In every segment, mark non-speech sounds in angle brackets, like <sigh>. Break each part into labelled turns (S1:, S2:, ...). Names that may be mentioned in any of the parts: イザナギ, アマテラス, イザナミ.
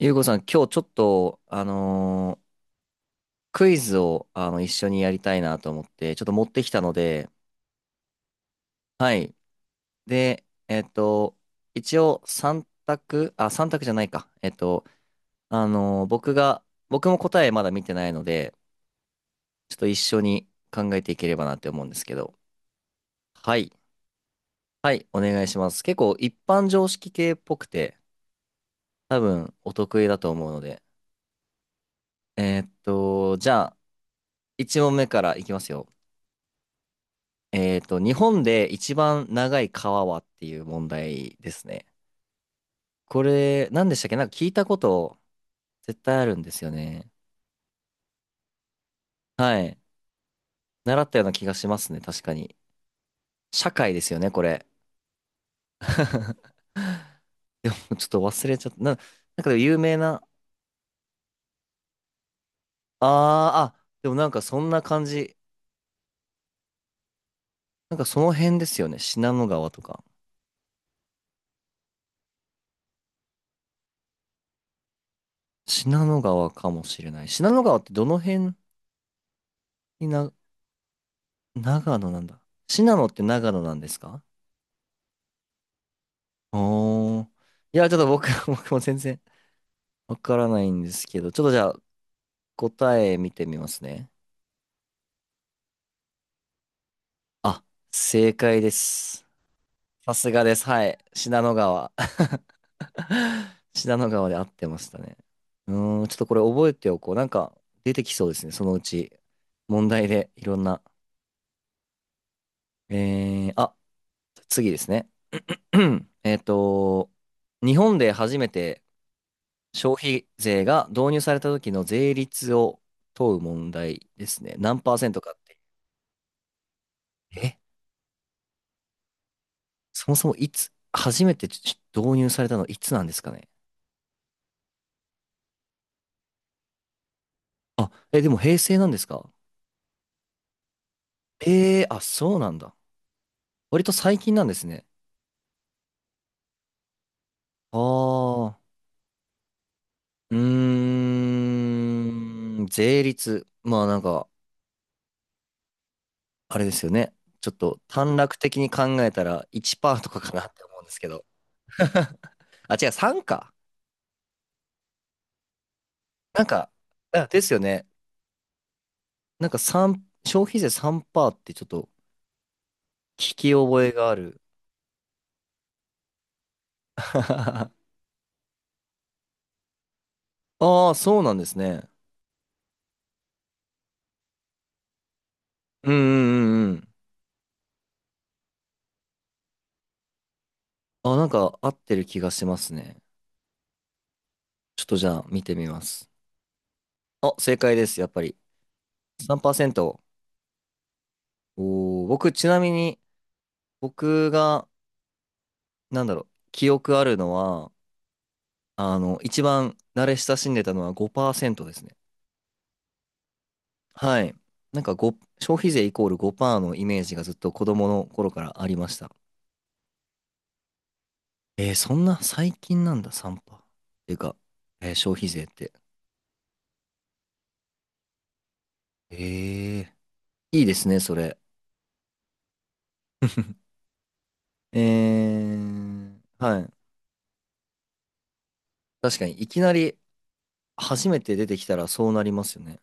S1: ゆうこさん、今日ちょっと、クイズを、一緒にやりたいなと思って、ちょっと持ってきたので。はい。で、一応3択、あ、三択じゃないか。あのー僕が、僕も答えまだ見てないので、ちょっと一緒に考えていければなって思うんですけど。はい。はい、お願いします。結構一般常識系っぽくて、多分お得意だと思うので、じゃあ、1問目からいきますよ。日本で一番長い川はっていう問題ですね。これ、何でしたっけ。なんか聞いたこと絶対あるんですよね。はい。習ったような気がしますね。確かに。社会ですよね、これ。<laughs> でもちょっと忘れちゃった。なんかでも有名な、あーあ、でもなんかそんな感じ。なんかその辺ですよね。信濃川とか。信濃川かもしれない。信濃川ってどの辺に、長野なんだ。信濃って長野なんですか？おー。いや、ちょっと<laughs> 僕も全然わからないんですけど、ちょっとじゃあ答え見てみますね。あ、正解です。さすがです。はい。信濃川。<laughs> 信濃川で合ってましたね。うーん、ちょっとこれ覚えておこう。なんか出てきそうですね。そのうち。問題でいろんな。あ、次ですね。<clears throat> えっと、日本で初めて消費税が導入された時の税率を問う問題ですね。何パーセントかって。え、そもそもいつ、初めて導入されたのいつなんですかね。あ、え、でも平成なんですか？ええー、あ、そうなんだ。割と最近なんですね。ああ、うーん、税率。まあなんか、あれですよね。ちょっと短絡的に考えたら1%とかかなって思うんですけど。<laughs> あ、違う、3か。なんか、あですよね。なんか消費税3%ってちょっと聞き覚えがある。<laughs> ああ、そうなんですね。うんうんうんうん。あ、なんか合ってる気がしますね。ちょっとじゃあ見てみます。あ、正解です、やっぱり。3%。おー、僕ちなみに、僕が、なんだろう、記憶あるのは、一番慣れ親しんでたのは5%ですね。はい。なんか5、消費税イコール5%のイメージがずっと子供の頃からありました。そんな最近なんだ、3パー。てか、消費税って。ええ、いいですね、それ。えはい。確かに、いきなり初めて出てきたらそうなりますよね。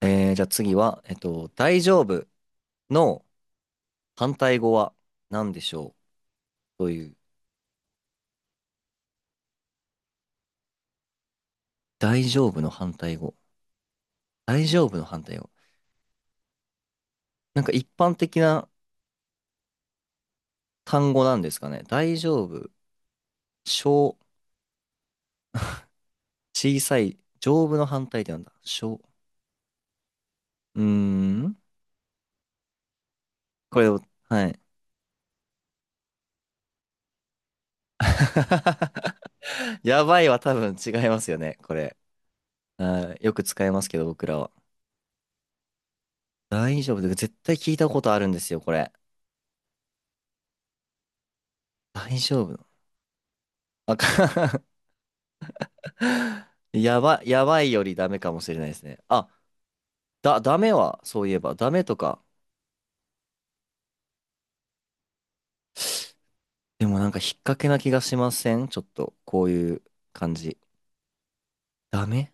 S1: じゃあ次は、大丈夫の反対語は何でしょうという、大丈夫の反対語。大丈夫の反対語。なんか一般的な単語なんですかね。大丈夫、小、小さい、丈夫の反対ってなんだ。うーん。これを、はい。<laughs> やばいは多分違いますよね、これ。あー、よく使いますけど、僕らは。大丈夫で、絶対聞いたことあるんですよ、これ。大丈夫あか <laughs> やばいよりダメかもしれないですね。あ、ダメは、そういえば、ダメとか。でもなんか引っ掛けな気がしません？ちょっと、こういう感じ。ダメ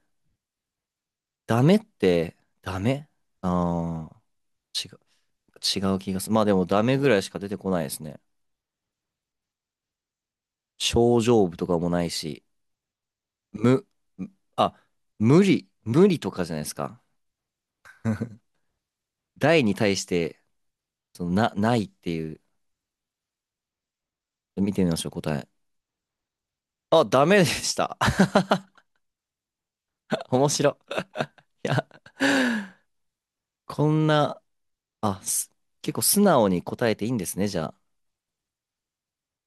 S1: ダメって、ダメ、ああー、違う気がする。まあでも、ダメぐらいしか出てこないですね。症状部とかもないし、無、あ、無理とかじゃないですか。大に対して、ないっていう、見てみましょう、答え。あ、ダメでした。<laughs> 面白い。いや、こんな、あ、結構素直に答えていいんですね、じゃあ。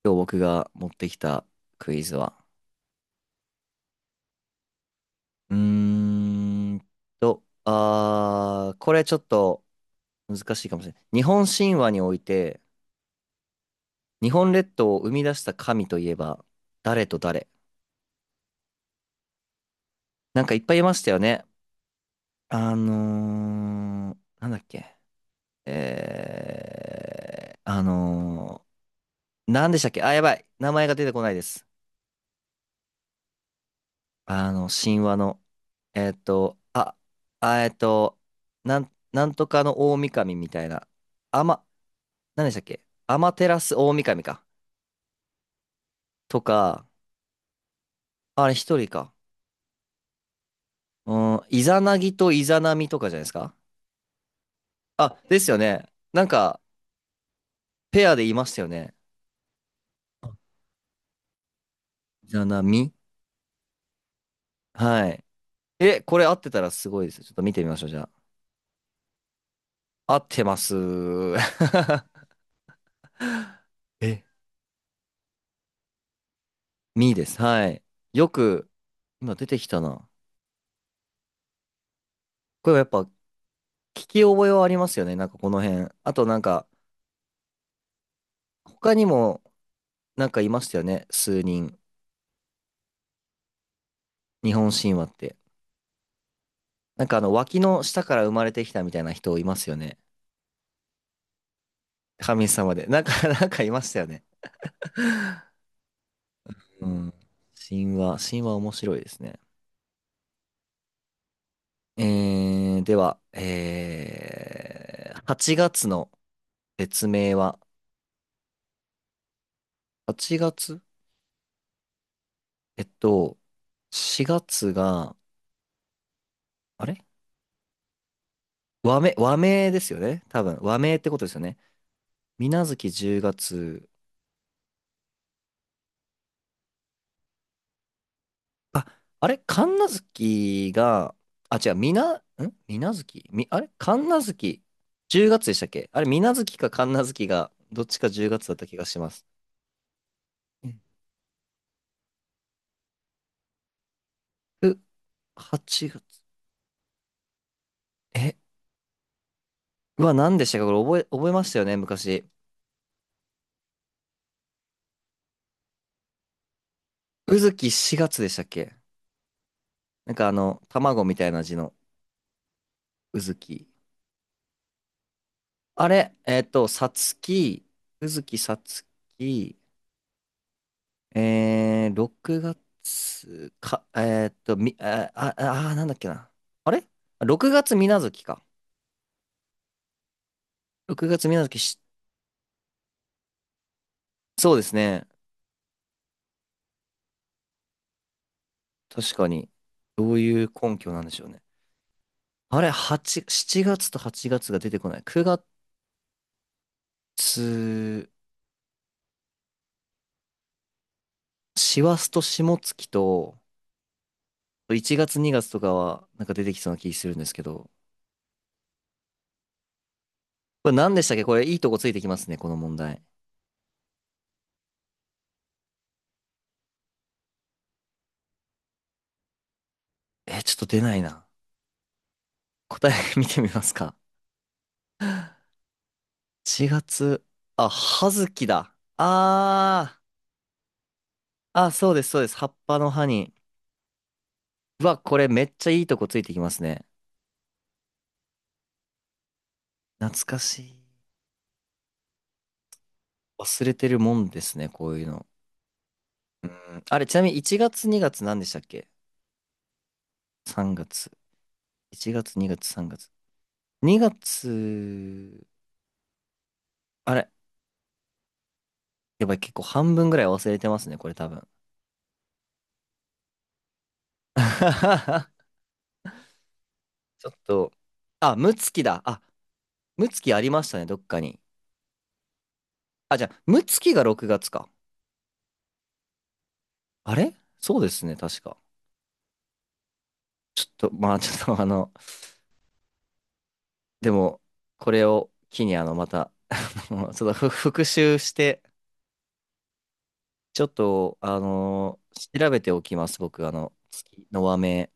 S1: 今日僕が持ってきたクイズは。うーんあー、これちょっと難しいかもしれない。日本神話において、日本列島を生み出した神といえば、誰と誰？なんかいっぱいいましたよね。なんだっけ。えー、あのなんでしたっけ？あ、やばい。名前が出てこないです。神話の。あ、あ、なんとかの大神みたいな。あま、なんでしたっけ？アマテラス大神か。とか、あれ一人か。うん、イザナギとイザナミとかじゃないですか？あ、ですよね。なんか、ペアでいましたよね。じゃなみ。はい。え、これ合ってたらすごいです。ちょっと見てみましょう、じゃあ。合ってます。<laughs> え、みです。はい。よく、今出てきたな。これはやっぱ、聞き覚えはありますよね。なんかこの辺。あとなんか、他にも、なんかいましたよね。数人。日本神話って。なんか脇の下から生まれてきたみたいな人いますよね。神様で。なんか、<laughs> なんかいましたよね。うん。神話面白いですね。では、8月の別名は、8月えっと、4月が、あれ和名ですよね。多分、和名ってことですよね。水無月10月、あ、あれ神無月が、あ、違う、みな、ん水無月あれ神無月10月でしたっけ？あれ、水無月か神無月が、どっちか10月だった気がします。うんふ8月。え、うわ、何でしたか？これ覚えましたよね昔。うずき4月でしたっけ？なんか卵みたいな字のうずき。あれ、さつき、うずきさつき、6月か、あ、あ、あ、なんだっけな。あれ？ 6 月みな月か。6月みな月そうですね。確かに。どういう根拠なんでしょうね。あれ、8、7月と8月が出てこない。9月、師走と霜月と、1月2月とかは、なんか出てきそうな気するんですけど、これ何でしたっけ？これいいとこついてきますね、この問題。ちょっと出ないな。答え <laughs> 見てみますか。4月、あ、葉月だ。あー、あ、そうです、そうです。葉っぱの葉に。うわ、これめっちゃいいとこついてきますね。懐かしい。忘れてるもんですね、こういうの。うん、あれ、ちなみに1月2月何でしたっけ？ 3 月。1月2月3月。2月、あれ、やばい、結構半分ぐらい忘れてますね、これ多分。<laughs> ちょっと、あ、ムツキだ。あ、ムツキありましたね、どっかに。あ、じゃあ、ムツキが6月か。あれ、そうですね、確か。ちょっと、まあ、ちょっと、でも、これを機に、また、<laughs> ちょっと復習して、ちょっと、調べておきます、僕、月の和名。